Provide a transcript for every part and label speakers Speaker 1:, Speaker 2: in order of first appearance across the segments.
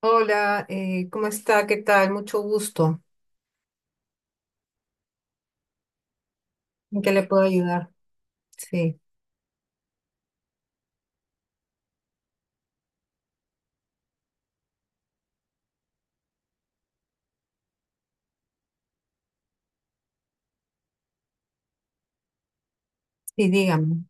Speaker 1: Hola, ¿cómo está? ¿Qué tal? Mucho gusto. ¿En qué le puedo ayudar? Sí, sí, dígame.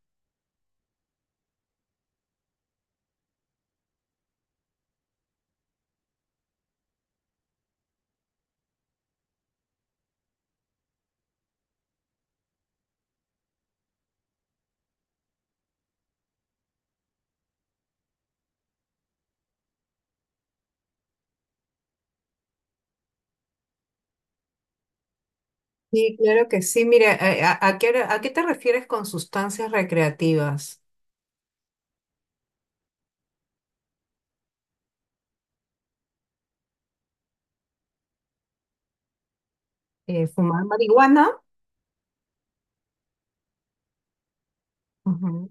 Speaker 1: Sí, claro que sí. Mire, ¿a qué te refieres con sustancias recreativas? ¿Fumar marihuana? Ujú.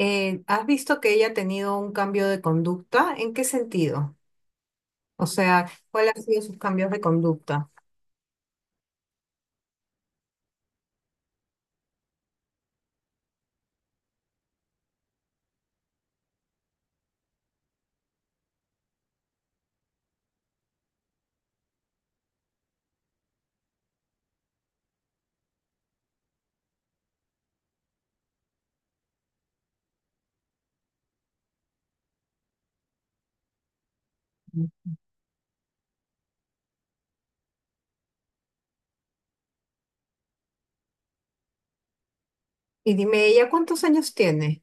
Speaker 1: ¿Has visto que ella ha tenido un cambio de conducta? ¿En qué sentido? O sea, ¿cuáles han sido sus cambios de conducta? Y dime, ¿ella cuántos años tiene?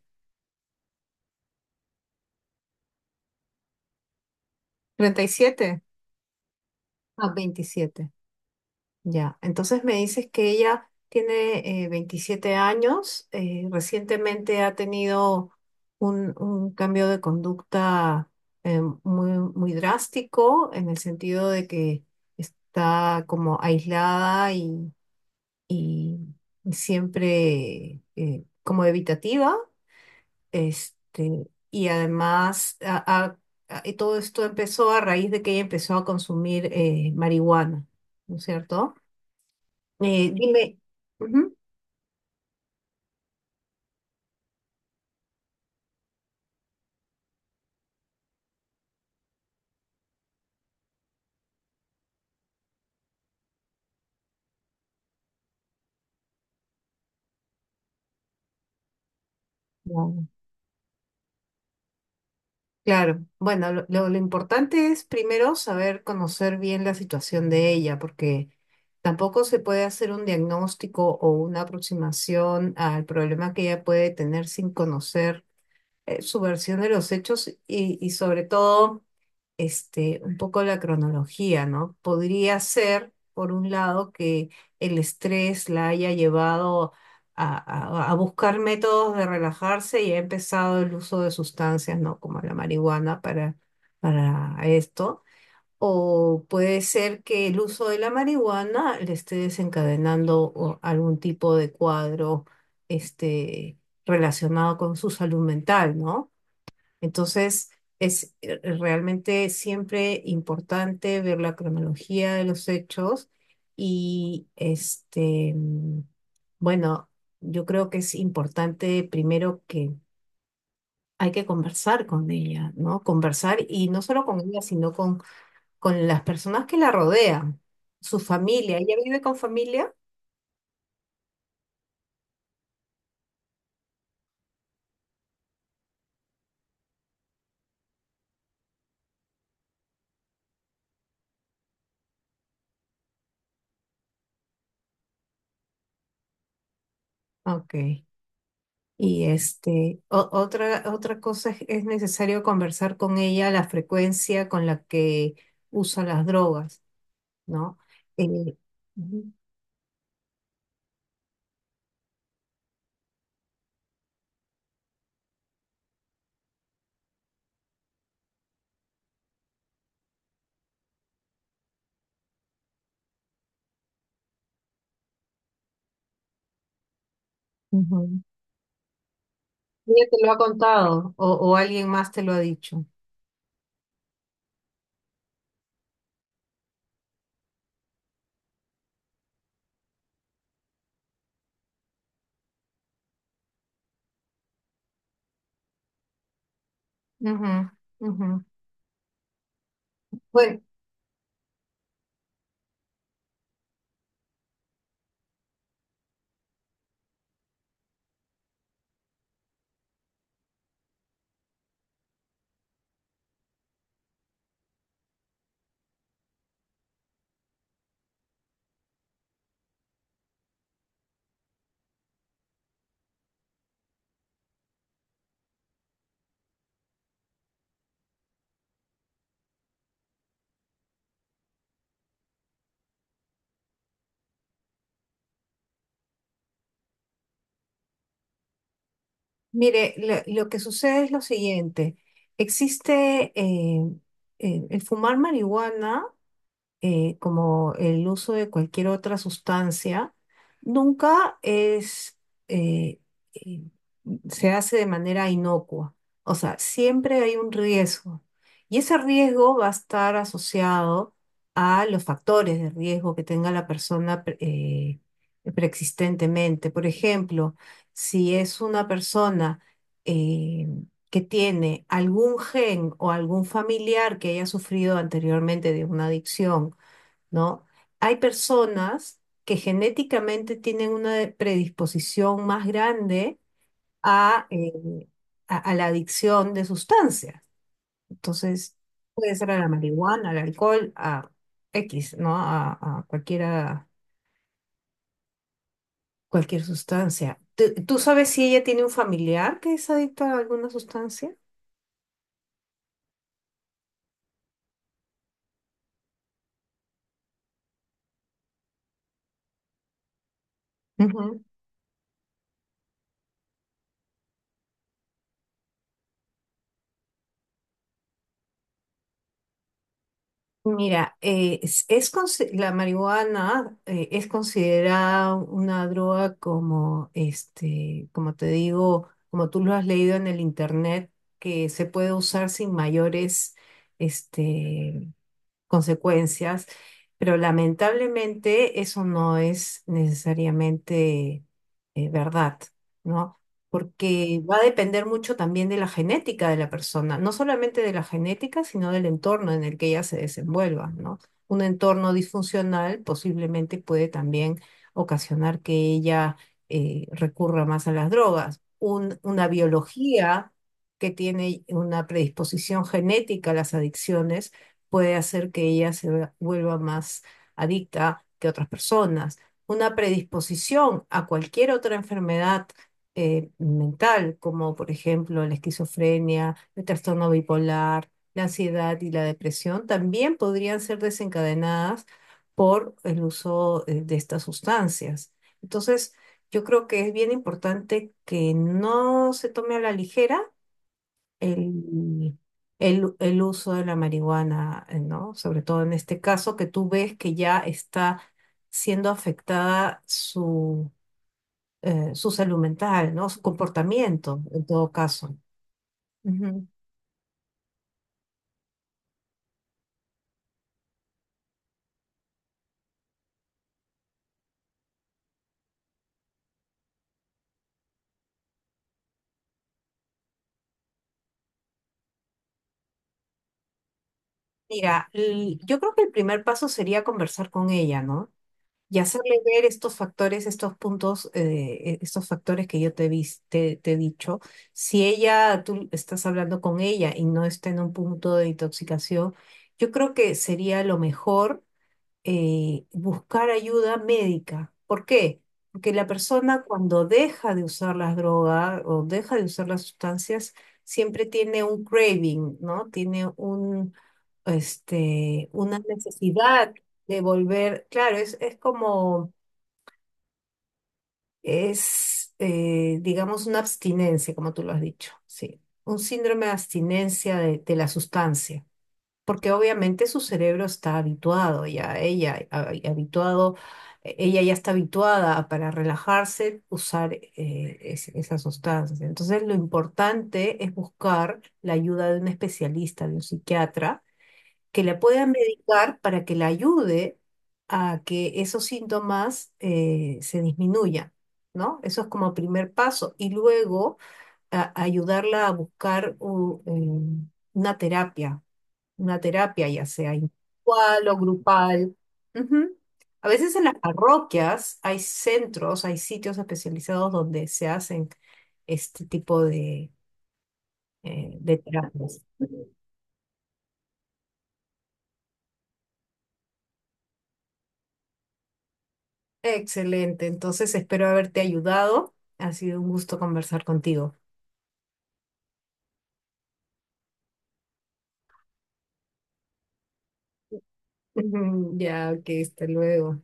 Speaker 1: 37. Ah, 27. Ya, entonces me dices que ella tiene 27 años, recientemente ha tenido un cambio de conducta muy drástico en el sentido de que está como aislada y siempre como evitativa, este, y además y todo esto empezó a raíz de que ella empezó a consumir marihuana, ¿no es cierto? Dime, ujú. No, claro, bueno, lo importante es primero saber conocer bien la situación de ella, porque tampoco se puede hacer un diagnóstico o una aproximación al problema que ella puede tener sin conocer su versión de los hechos y sobre todo, este, un poco la cronología, ¿no? Podría ser, por un lado, que el estrés la haya llevado a, a buscar métodos de relajarse y ha empezado el uso de sustancias, ¿no? Como la marihuana para esto. O puede ser que el uso de la marihuana le esté desencadenando o algún tipo de cuadro, este, relacionado con su salud mental, ¿no? Entonces, es realmente siempre importante ver la cronología de los hechos y este, bueno, yo creo que es importante primero que hay que conversar con ella, ¿no? Conversar y no solo con ella, sino con las personas que la rodean, su familia. ¿Ella vive con familia? Ok. Y este, otra cosa es necesario conversar con ella la frecuencia con la que usa las drogas, ¿no? Eh, ujú, ujú. Ella te lo ha contado o alguien más te lo ha dicho. Ujú, ujú. Bueno, mire, lo que sucede es lo siguiente. Existe el fumar marihuana como el uso de cualquier otra sustancia, nunca es, eh, eh, se hace de manera inocua. O sea, siempre hay un riesgo. Y ese riesgo va a estar asociado a los factores de riesgo que tenga la persona preexistentemente. Por ejemplo, si es una persona eh, que tiene algún gen o algún familiar que haya sufrido anteriormente de una adicción, ¿no? Hay personas que genéticamente tienen una predisposición más grande a, eh, a la adicción de sustancias. Entonces, puede ser a la marihuana, al alcohol, a X, ¿no? A cualquiera, cualquier sustancia. ¿Tú sabes si ella tiene un familiar que es adicto a alguna sustancia? Mira, la marihuana es considerada una droga como, este, como te digo, como tú lo has leído en el internet, que se puede usar sin mayores, este, consecuencias, pero lamentablemente eso no es necesariamente verdad, ¿no? Porque va a depender mucho también de la genética de la persona, no solamente de la genética, sino del entorno en el que ella se desenvuelva, ¿no? Un entorno disfuncional posiblemente puede también ocasionar que ella recurra más a las drogas. Una biología que tiene una predisposición genética a las adicciones puede hacer que ella vuelva más adicta que otras personas. Una predisposición a cualquier otra enfermedad mental, como por ejemplo la esquizofrenia, el trastorno bipolar, la ansiedad y la depresión, también podrían ser desencadenadas por el uso de estas sustancias. Entonces, yo creo que es bien importante que no se tome a la ligera el, el uso de la marihuana, ¿no? Sobre todo en este caso, que tú ves que ya está siendo afectada su, su salud mental, ¿no? Su comportamiento, en todo caso. Ujú. Mira, yo creo que el primer paso sería conversar con ella, ¿no? Y hacerle ver estos factores, estos puntos, estos factores que yo te, vis- te he dicho. Si ella, tú estás hablando con ella y no está en un punto de intoxicación, yo creo que sería lo mejor buscar ayuda médica. ¿Por qué? Porque la persona cuando deja de usar las drogas o deja de usar las sustancias, siempre tiene un craving, ¿no? Tiene un, este, una necesidad de volver. Claro, digamos, una abstinencia, como tú lo has dicho, sí. Un síndrome de abstinencia de la sustancia porque obviamente su cerebro está habituado ya, habituado, ella ya está habituada a, para relajarse usar esas sustancias. Entonces, lo importante es buscar la ayuda de un especialista, de un psiquiatra, que la pueda medicar para que la ayude a que esos síntomas se disminuyan. ¿No? Eso es como primer paso. Y luego ayudarla a buscar una terapia una terapia, ya sea individual o grupal. Ujú. A veces en las parroquias hay centros, hay sitios especializados donde se hacen este tipo de terapias. Excelente, entonces espero haberte ayudado. Ha sido un gusto conversar contigo. Ya, ok, hasta luego.